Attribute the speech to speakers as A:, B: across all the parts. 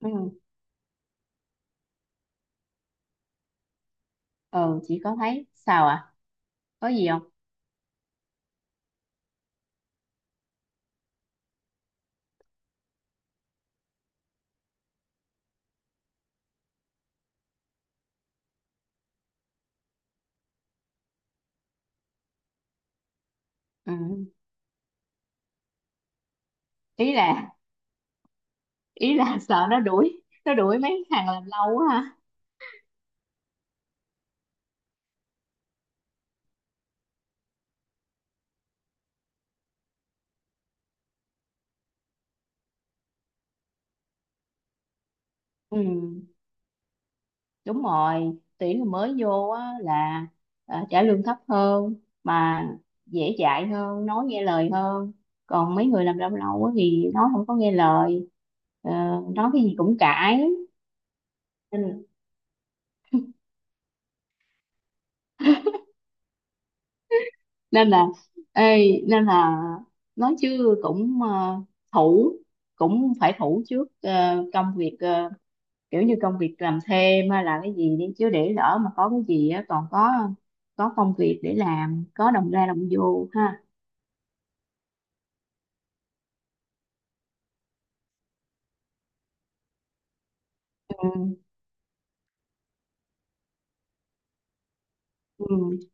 A: Ừ, ừ, chị có thấy sao à? Có gì không? Ừ. ý là ý là sợ nó đuổi mấy thằng làm lâu quá ha. Ừ, đúng rồi. Tuyển người mới vô á là trả lương thấp hơn, mà dễ dạy hơn, nói nghe lời hơn. Còn mấy người làm lâu lâu á thì nói không có nghe lời, ờ, nói cái gì cũng cãi. Nên nên là ê, nên là nói chứ cũng, thủ cũng phải thủ trước công việc, kiểu như công việc làm thêm hay là cái gì đi chứ, để lỡ mà có cái gì á còn có công việc để làm, có đồng ra đồng vô ha. Ừ, ừ,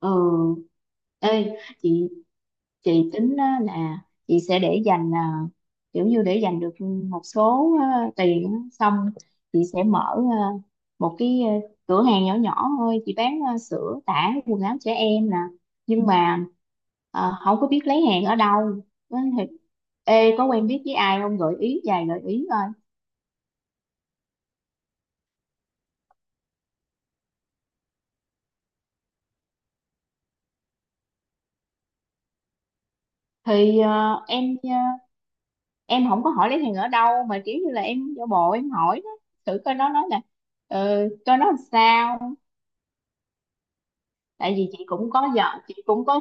A: ừ. Ê chị tính á là chị sẽ để dành, kiểu như để dành được một số tiền á, xong chị sẽ mở một cái, cửa hàng nhỏ nhỏ thôi. Chị bán sữa, tã, quần áo trẻ em nè, nhưng mà không có biết lấy hàng ở đâu. Nói thiệt, ê, có quen biết với ai không, gợi ý vài gợi ý coi. Thì em, em không có hỏi lấy hàng ở đâu, mà kiểu như là em giả bộ em hỏi đó, thử coi nó nói là, coi nó làm sao. Tại vì chị cũng có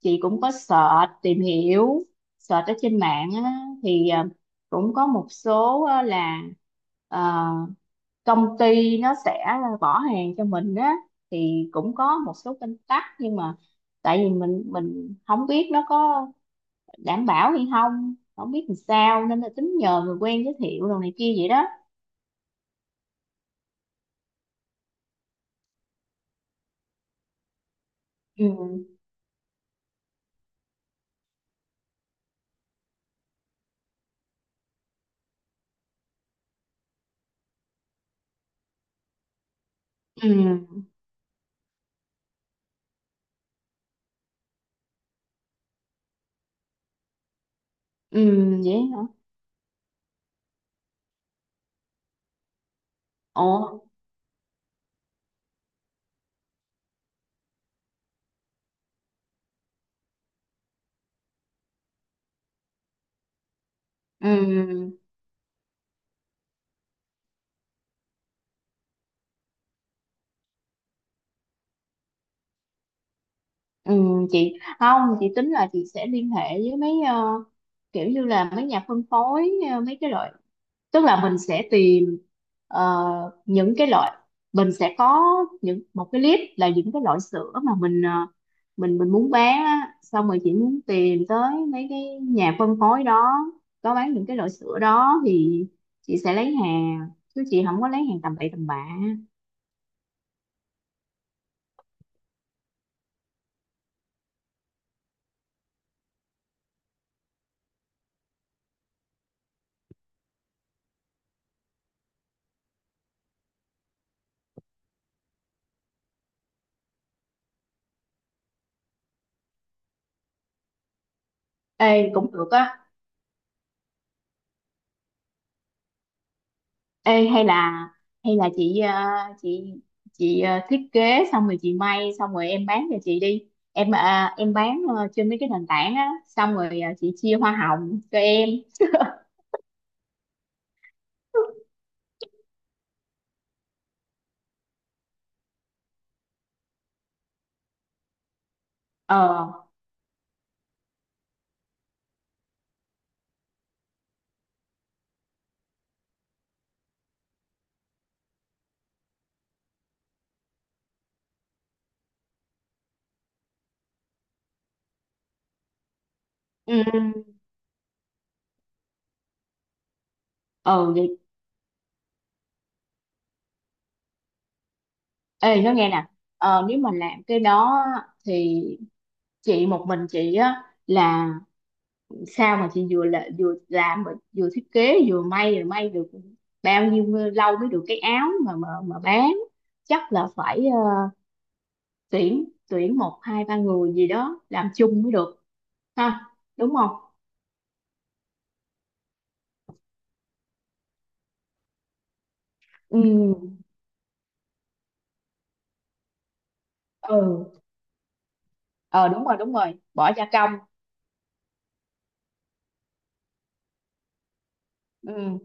A: chị cũng có search, tìm hiểu, search ở trên mạng á. Thì cũng có một số, là ờ, công ty nó sẽ bỏ hàng cho mình á. Thì cũng có một số kênh tắc, nhưng mà tại vì mình không biết nó có đảm bảo hay không, không biết làm sao, nên là tính nhờ người quen giới thiệu đồ này kia vậy đó. Ừ, ừ, ừ, vậy hả? Ủa. Ừ. Ừ, chị không, chị tính là chị sẽ liên hệ với mấy, kiểu như là mấy nhà phân phối, mấy cái loại, tức là mình sẽ tìm ờ, những cái loại, mình sẽ có những một cái list là những cái loại sữa mà mình, mình muốn bán á, xong rồi chị muốn tìm tới mấy cái nhà phân phối đó có bán những cái loại sữa đó thì chị sẽ lấy hàng, chứ chị không có lấy hàng tầm bậy tầm bạ. Ê, cũng được á. Ê, hay là chị, chị chị, thiết kế xong rồi chị may, xong rồi em bán cho chị đi. Em, em bán trên mấy cái nền tảng á, xong rồi chị chia hoa hồng cho em. Ờ, ừ, ờ, vậy ê, nó nghe nè. Nếu mà làm cái đó á, thì chị một mình chị á, là sao mà chị vừa là, vừa làm, mà vừa thiết kế vừa may, rồi may được bao nhiêu lâu mới được cái áo mà bán? Chắc là phải, tuyển tuyển một hai ba người gì đó làm chung mới được ha, đúng không? Ừ, ừ, ờ, đúng rồi, đúng rồi, bỏ gia công. Ừ,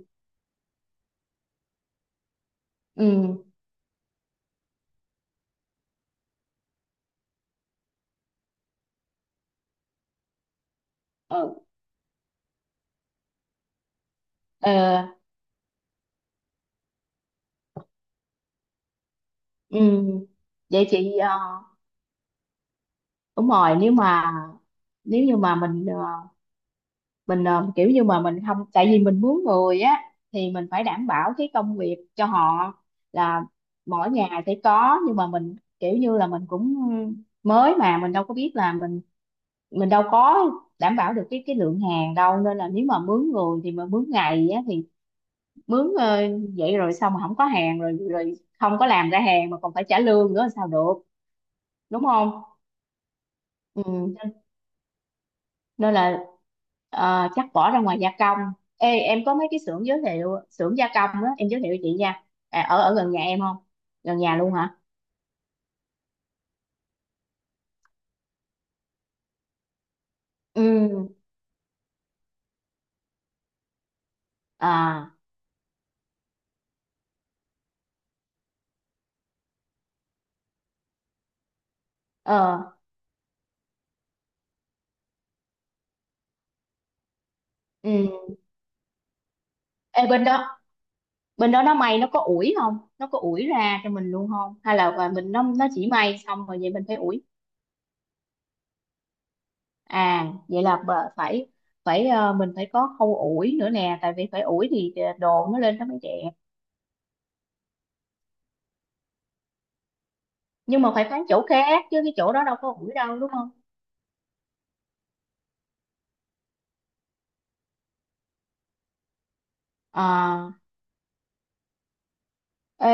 A: ừ, ừ, ờ, ừ, vậy chị, đúng rồi, nếu như mà mình, mình, kiểu như mà mình không, tại vì mình mướn người á, thì mình phải đảm bảo cái công việc cho họ, là mỗi ngày sẽ có. Nhưng mà mình kiểu như là mình cũng mới, mà mình đâu có biết là mình đâu có đảm bảo được cái lượng hàng đâu, nên là nếu mà mướn người, thì mà mướn ngày á, thì mướn, vậy rồi xong mà không có hàng, rồi rồi không có làm ra hàng mà còn phải trả lương nữa sao được, đúng không? Ừ. nên nên là chắc bỏ ra ngoài gia công. Ê, em có mấy cái xưởng, giới thiệu xưởng gia công á, em giới thiệu cho chị nha. Ở, gần nhà em không? Gần nhà luôn hả? Ừ. À. Ờ. Ừ. Ê, bên đó, nó may, nó có ủi không, nó có ủi ra cho mình luôn không, hay là và mình nó, chỉ may xong rồi vậy mình phải ủi? À, vậy là phải, mình phải có khâu ủi nữa nè, tại vì phải ủi thì đồ nó lên nó mới đẹp. Nhưng mà phải bán chỗ khác, chứ cái chỗ đó đâu có ủi đâu, đúng không? À. Ê.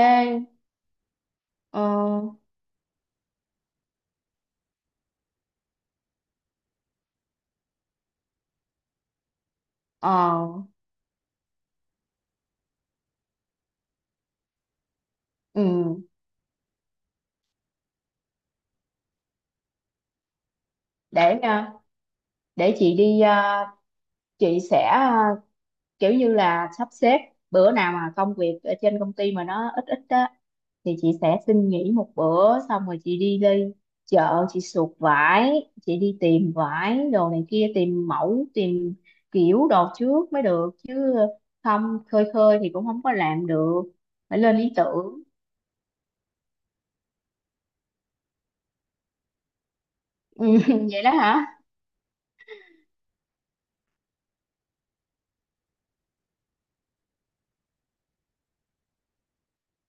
A: Ờ, ờ, ừ. Để, để chị đi, chị sẽ kiểu như là sắp xếp bữa nào mà công việc ở trên công ty mà nó ít ít á, thì chị sẽ xin nghỉ một bữa, xong rồi chị đi đi chợ, chị sụt vải, chị đi tìm vải đồ này kia, tìm mẫu, tìm kiểu đồ trước mới được chứ, không khơi khơi thì cũng không có làm được, phải lên ý tưởng. Ừ, vậy đó hả?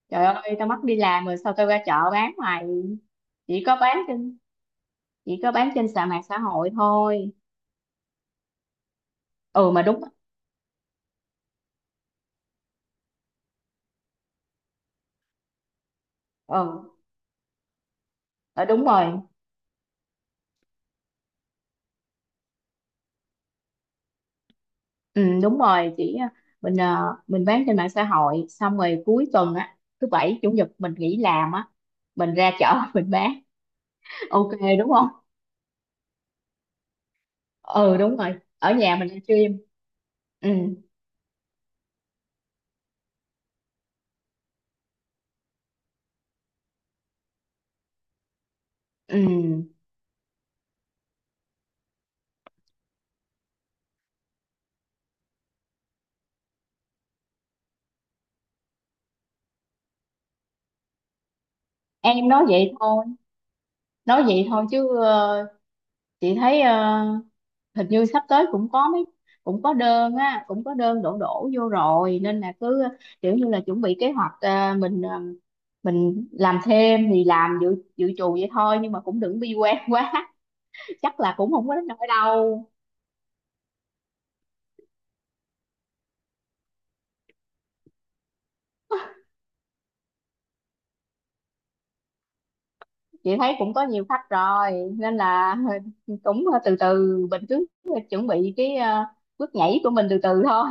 A: Trời ơi, tao mất đi làm rồi sao tao ra chợ bán mày. chỉ có bán trên chỉ có bán trên sàn mạng xã hội thôi. Ừ, mà đúng. Ừ. Ờ, đúng rồi. Ừ, đúng rồi chị. Mình, mình bán trên mạng xã hội, xong rồi cuối tuần á, thứ bảy chủ nhật mình nghỉ làm á, mình ra chợ mình bán. Ok, đúng không? Ừ, đúng rồi, ở nhà mình livestream. Ừ, ừ, em nói vậy thôi, nói vậy thôi, chứ chị thấy hình như sắp tới cũng có mấy, cũng có đơn á, cũng có đơn đổ đổ vô rồi, nên là cứ kiểu như là chuẩn bị kế hoạch, mình, mình làm thêm thì làm, dự dự trù vậy thôi, nhưng mà cũng đừng bi quan quá, chắc là cũng không có đến nỗi đâu. Chị thấy cũng có nhiều khách rồi nên là cũng từ từ, mình cứ chuẩn bị cái, bước nhảy của mình từ từ thôi.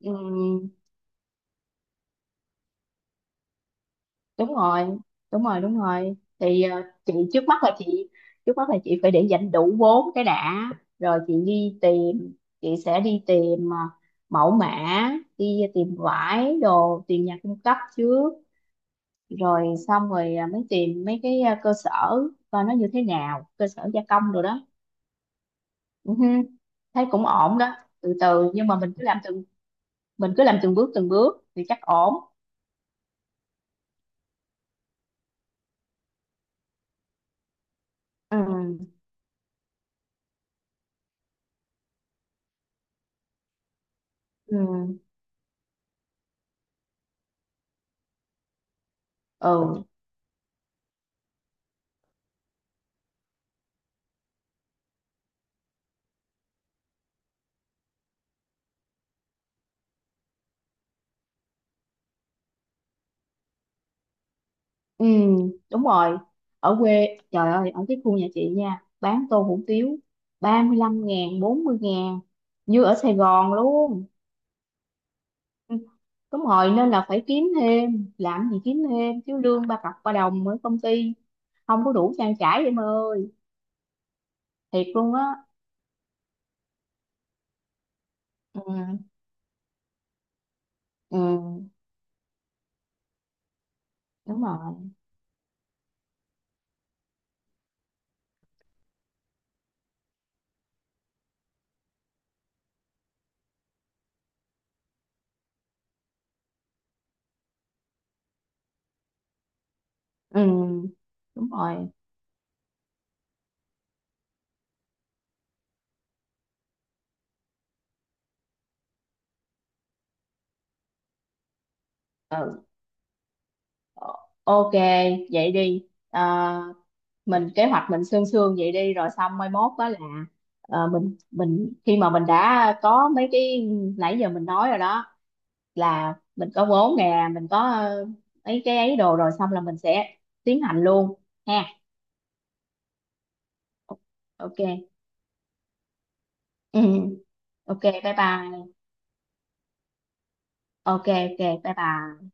A: Ừm, đúng rồi, đúng rồi, đúng rồi. Thì chị trước mắt là chị phải để dành đủ vốn cái đã, rồi chị đi tìm, chị sẽ đi tìm mẫu mã, đi tìm vải đồ, tìm nhà cung cấp trước, rồi xong rồi mới tìm mấy cái, cơ sở, coi nó như thế nào, cơ sở gia công rồi đó. Ừ hư, thấy cũng ổn đó. Từ từ, nhưng mà mình cứ làm từng bước thì chắc ổn. Ừ, ừ, ừ. Ừ, đúng rồi. Ở quê, trời ơi, ở cái khu nhà chị nha, bán tô hủ tiếu 35.000, 40.000, như ở Sài Gòn luôn. Ừ, đúng rồi, nên là phải kiếm thêm, làm gì kiếm thêm, chứ lương ba cọc ba đồng ở công ty, không có đủ trang trải em ơi, thiệt luôn á. Ừ, ừ, đúng rồi. Ừ, đúng rồi. Ừ, ok, vậy đi. À, mình kế hoạch mình sương sương vậy đi, rồi xong mai mốt đó là, mình khi mà mình đã có mấy cái nãy giờ mình nói rồi đó, là mình có vốn nè, mình có, ấy cái ấy đồ rồi xong là mình sẽ tiến hành luôn ha. Ok. Ừ. Ok, bye bye. Ok, ok, bye bye.